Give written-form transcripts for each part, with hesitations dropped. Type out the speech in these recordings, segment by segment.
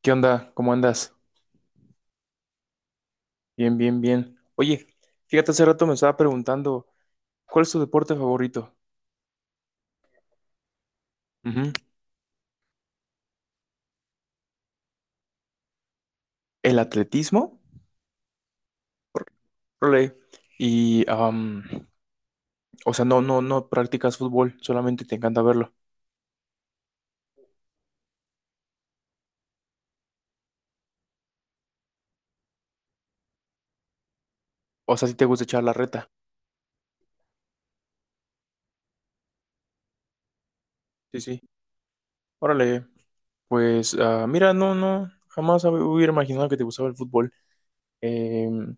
¿Qué onda? ¿Cómo andas? Bien, bien, bien. Oye, fíjate, hace rato me estaba preguntando, ¿cuál es tu deporte favorito? Ujú. ¿El atletismo? Órale. Y, o sea, no practicas fútbol, solamente te encanta verlo. O sea, si te gusta echar la reta. Sí, sí. Órale. Pues, mira, no, no, jamás hubiera imaginado que te gustaba el fútbol. Em,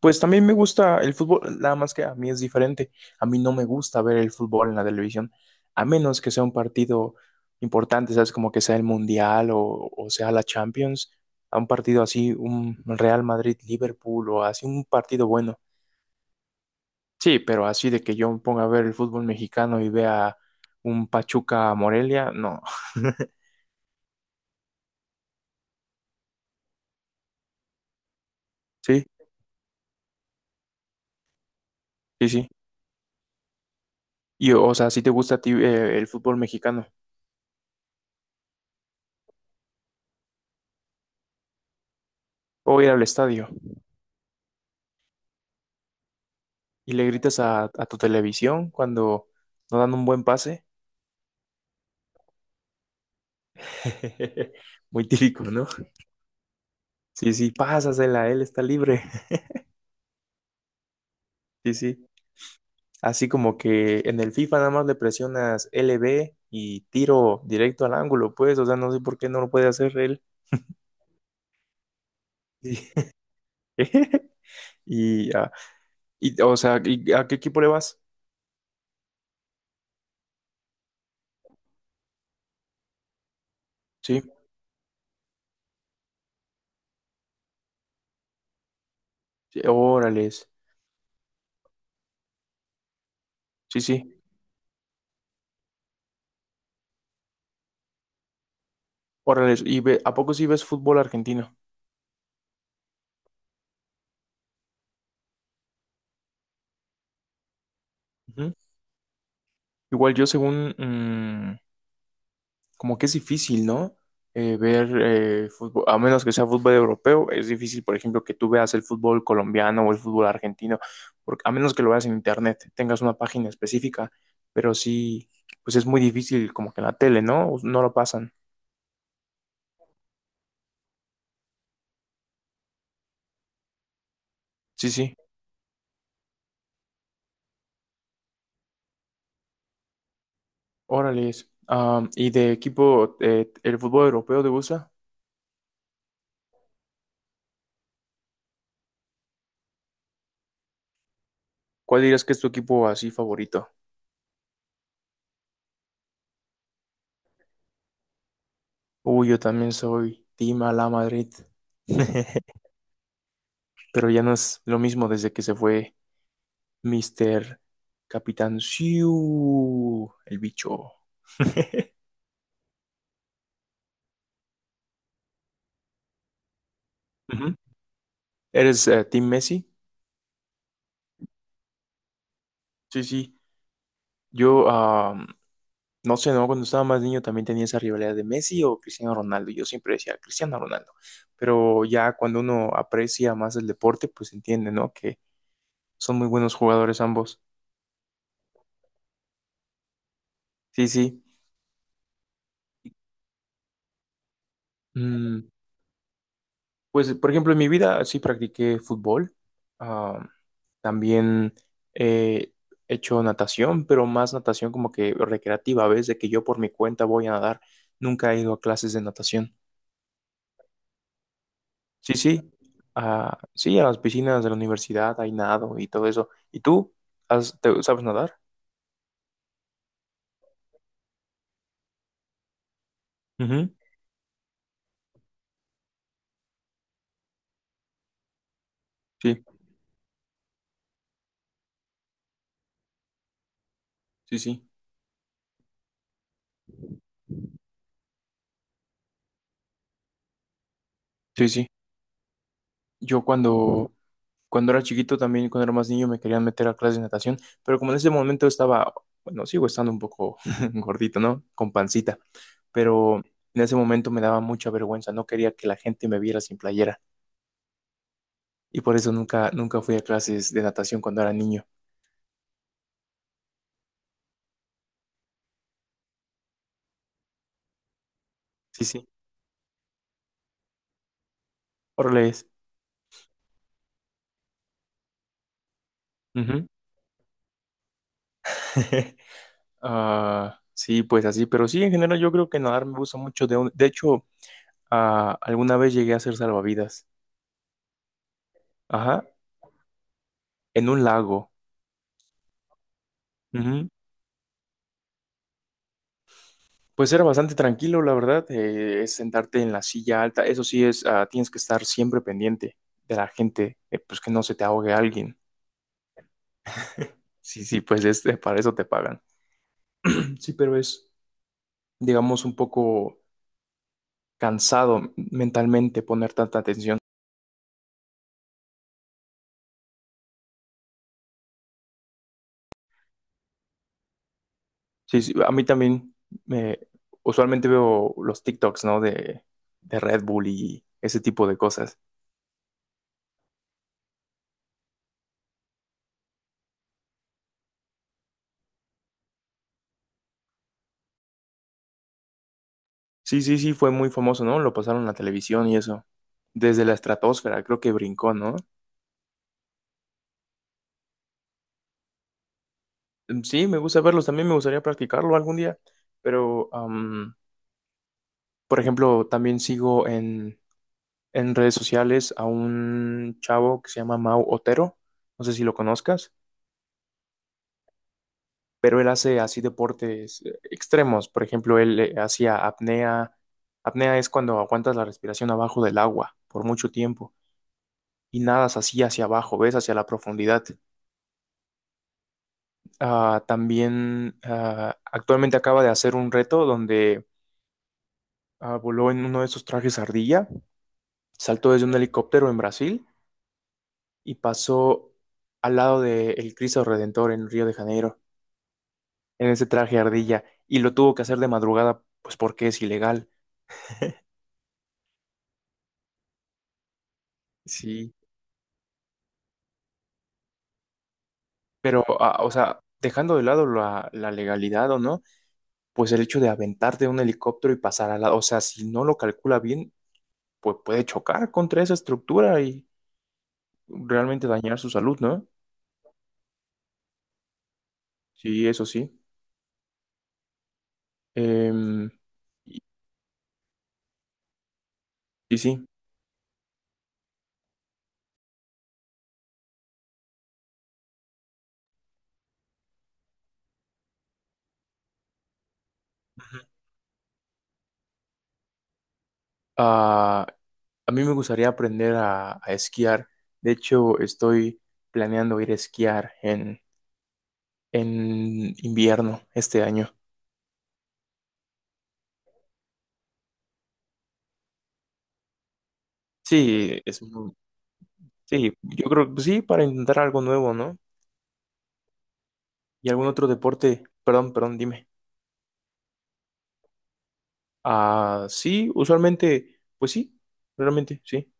Pues también me gusta el fútbol, nada más que a mí es diferente. A mí no me gusta ver el fútbol en la televisión, a menos que sea un partido importante, ¿sabes? Como que sea el Mundial o sea la Champions, a un partido así, un Real Madrid-Liverpool o así, un partido bueno. Sí, pero así de que yo me ponga a ver el fútbol mexicano y vea un Pachuca-Morelia, no. Sí, sí, sí. Y, o sea, si te gusta a ti el fútbol mexicano o ir al estadio. Y le gritas a tu televisión cuando no dan un buen pase. Muy típico, ¿no? Sí, sí, pásasela, él está libre. Sí, sí. Así como que en el FIFA nada más le presionas LB y tiro directo al ángulo, pues, o sea, no sé por qué no lo puede hacer él. Sí. Y, ah, y, o sea, ¿a qué equipo le vas? Sí, sí, órales, sí, sí, órales. ¿Y a poco sí ves fútbol argentino? Ujú. Igual yo según como que es difícil, ¿no? Ver fútbol, a menos que sea fútbol europeo, es difícil, por ejemplo, que tú veas el fútbol colombiano o el fútbol argentino, porque a menos que lo veas en internet, tengas una página específica, pero sí, pues es muy difícil, como que en la tele, ¿no? No lo pasan. Sí, sí, órale. Es. ¿Y de equipo, el fútbol europeo te gusta? ¿Cuál dirías que es tu equipo así favorito? Uy, yo también soy Team Ala Madrid. Pero ya no es lo mismo desde que se fue Mister Capitán Siu, el bicho. Ujú. ¿Eres Team Messi? Sí, sí. Yo, no sé, ¿no? Cuando estaba más niño también tenía esa rivalidad de Messi o Cristiano Ronaldo. Yo siempre decía Cristiano Ronaldo. Pero ya cuando uno aprecia más el deporte, pues entiende, ¿no? Que son muy buenos jugadores ambos. Sí, sí. Mm, Pues, por ejemplo, en mi vida sí practiqué fútbol. Ah, También eh, he hecho natación, pero más natación como que recreativa, ¿ves? De que yo por mi cuenta voy a nadar. Nunca he ido a clases de natación. Sí, sí. Ah, sí, a las piscinas de la universidad hay nado y todo eso. ¿Y tú? Sabes nadar? Ujú. Sí, sí, sí. Sí, sí. Yo cuando, Cuando era chiquito también, cuando era más niño, me querían meter a clases de natación, pero como en ese momento estaba, bueno, sigo estando un poco gordito, ¿no? Con pancita, pero en ese momento me daba mucha vergüenza, no quería que la gente me viera sin playera y por eso nunca, nunca fui a clases de natación cuando era niño. Sí, sí, órale es. Ujú. Sí, pues así, pero sí, en general yo creo que nadar me gusta mucho. De hecho, alguna vez llegué a hacer salvavidas, ajá, en un lago. Pues era bastante tranquilo, la verdad. Es sentarte en la silla alta. Eso sí es, tienes que estar siempre pendiente de la gente, pues que no se te ahogue alguien. Sí, sí, pues este, para eso te pagan. Sí, pero es, digamos, un poco cansado mentalmente poner tanta atención. Sí, sí, a mí también me usualmente veo los TikToks, ¿no? De Red Bull y ese tipo de cosas. Sí, sí, sí, fue muy famoso, ¿no? Lo pasaron en la televisión y eso. Desde la estratosfera, creo que brincó, ¿no? Sí, me gusta verlos, también me gustaría practicarlo algún día, pero, por ejemplo, también sigo en redes sociales a un chavo que se llama Mau Otero, no sé si lo conozcas, pero él hace así deportes extremos, por ejemplo, él hacía apnea, apnea es cuando aguantas la respiración abajo del agua por mucho tiempo y nadas así hacia abajo, ves hacia la profundidad. También actualmente acaba de hacer un reto donde voló en uno de esos trajes ardilla. Saltó desde un helicóptero en Brasil y pasó al lado del Cristo Redentor en Río de Janeiro, en ese traje ardilla, y lo tuvo que hacer de madrugada, pues porque es ilegal. Sí. Pero, o sea, dejando de lado la legalidad o no, pues el hecho de aventarte de un helicóptero y pasar al lado, o sea, si no lo calcula bien, pues puede chocar contra esa estructura y realmente dañar su salud, ¿no? Sí, eso sí. Em, y, y sí. Ah, A mí me gustaría aprender a esquiar. De hecho, estoy planeando ir a esquiar en invierno este año. Sí, sí, yo creo que sí, para intentar algo nuevo, ¿no? Y algún otro deporte. Perdón, perdón, dime. Ah, sí, usualmente, pues sí, realmente sí.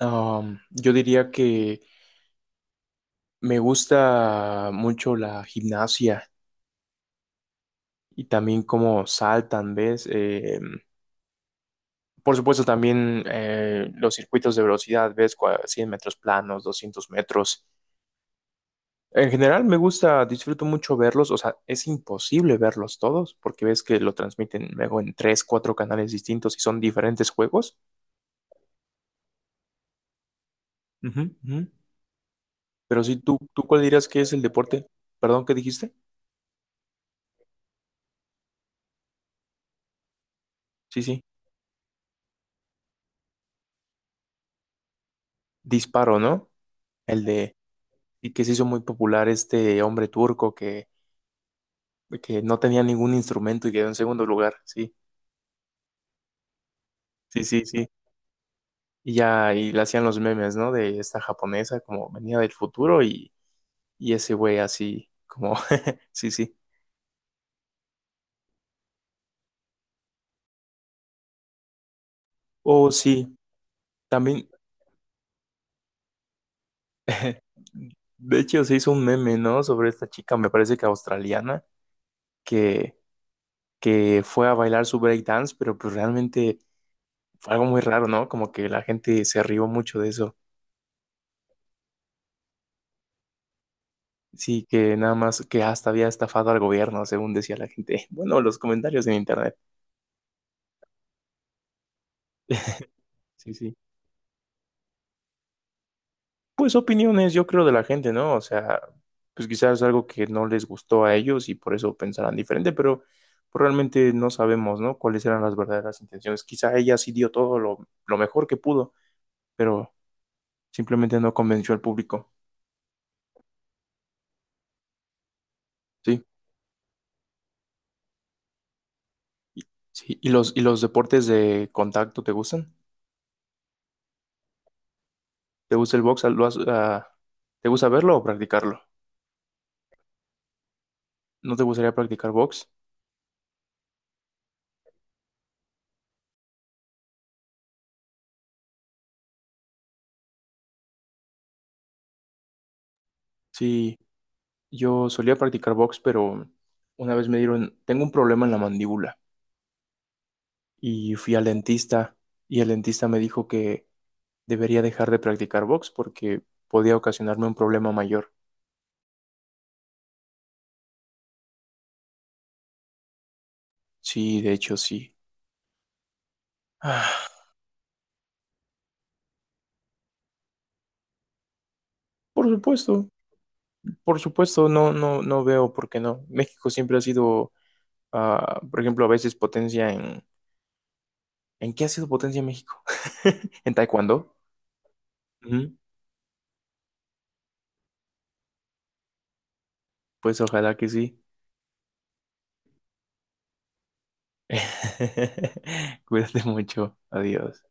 Yo diría que me gusta mucho la gimnasia y también cómo saltan, ¿ves? Por supuesto, también los circuitos de velocidad, ves 100 metros planos, 200 metros. En general me gusta, disfruto mucho verlos, o sea, es imposible verlos todos porque ves que lo transmiten luego en tres, cuatro canales distintos y son diferentes juegos. Ujú, ujú. Pero sí, ¿tú cuál dirías que es el deporte? Perdón, ¿qué dijiste? Sí, sí, disparo, ¿no? El de, y que se hizo muy popular este hombre turco que no tenía ningún instrumento y quedó en segundo lugar. Sí, sí, sí, sí. Y ya, y le hacían los memes, ¿no? De esta japonesa como venía del futuro y ese güey así, como, sí, sí. Oh, sí, también, de hecho se hizo un meme, ¿no? Sobre esta chica, me parece que australiana, que, que fue a bailar su breakdance, pero pues realmente fue algo muy raro, ¿no? Como que la gente se rió mucho de eso. Sí, que nada más que hasta había estafado al gobierno, según decía la gente. Bueno, los comentarios en internet. Sí, sí. Pues opiniones, yo creo, de la gente, ¿no? O sea, pues quizás algo que no les gustó a ellos y por eso pensarán diferente, pero pues, realmente no sabemos, ¿no? Cuáles eran las verdaderas intenciones. Quizá ella sí dio todo lo mejor que pudo, pero simplemente no convenció al público, ¿sí? Y- Sí, ¿y los deportes de contacto te gustan? ¿Te gusta el box? ¿Te gusta verlo o practicarlo? ¿No te gustaría practicar box? Sí, yo solía practicar box, pero una vez me dieron, tengo un problema en la mandíbula. Y fui al dentista y el dentista me dijo que debería dejar de practicar box porque podía ocasionarme un problema mayor. Sí, de hecho sí. Ah, por supuesto, por supuesto, no, no, no veo por qué no. México siempre ha sido, por ejemplo, a veces potencia en... ¿En qué ha sido potencia México? ¿En taekwondo? Ujú, pues ojalá que sí. Cuídate mucho. Adiós.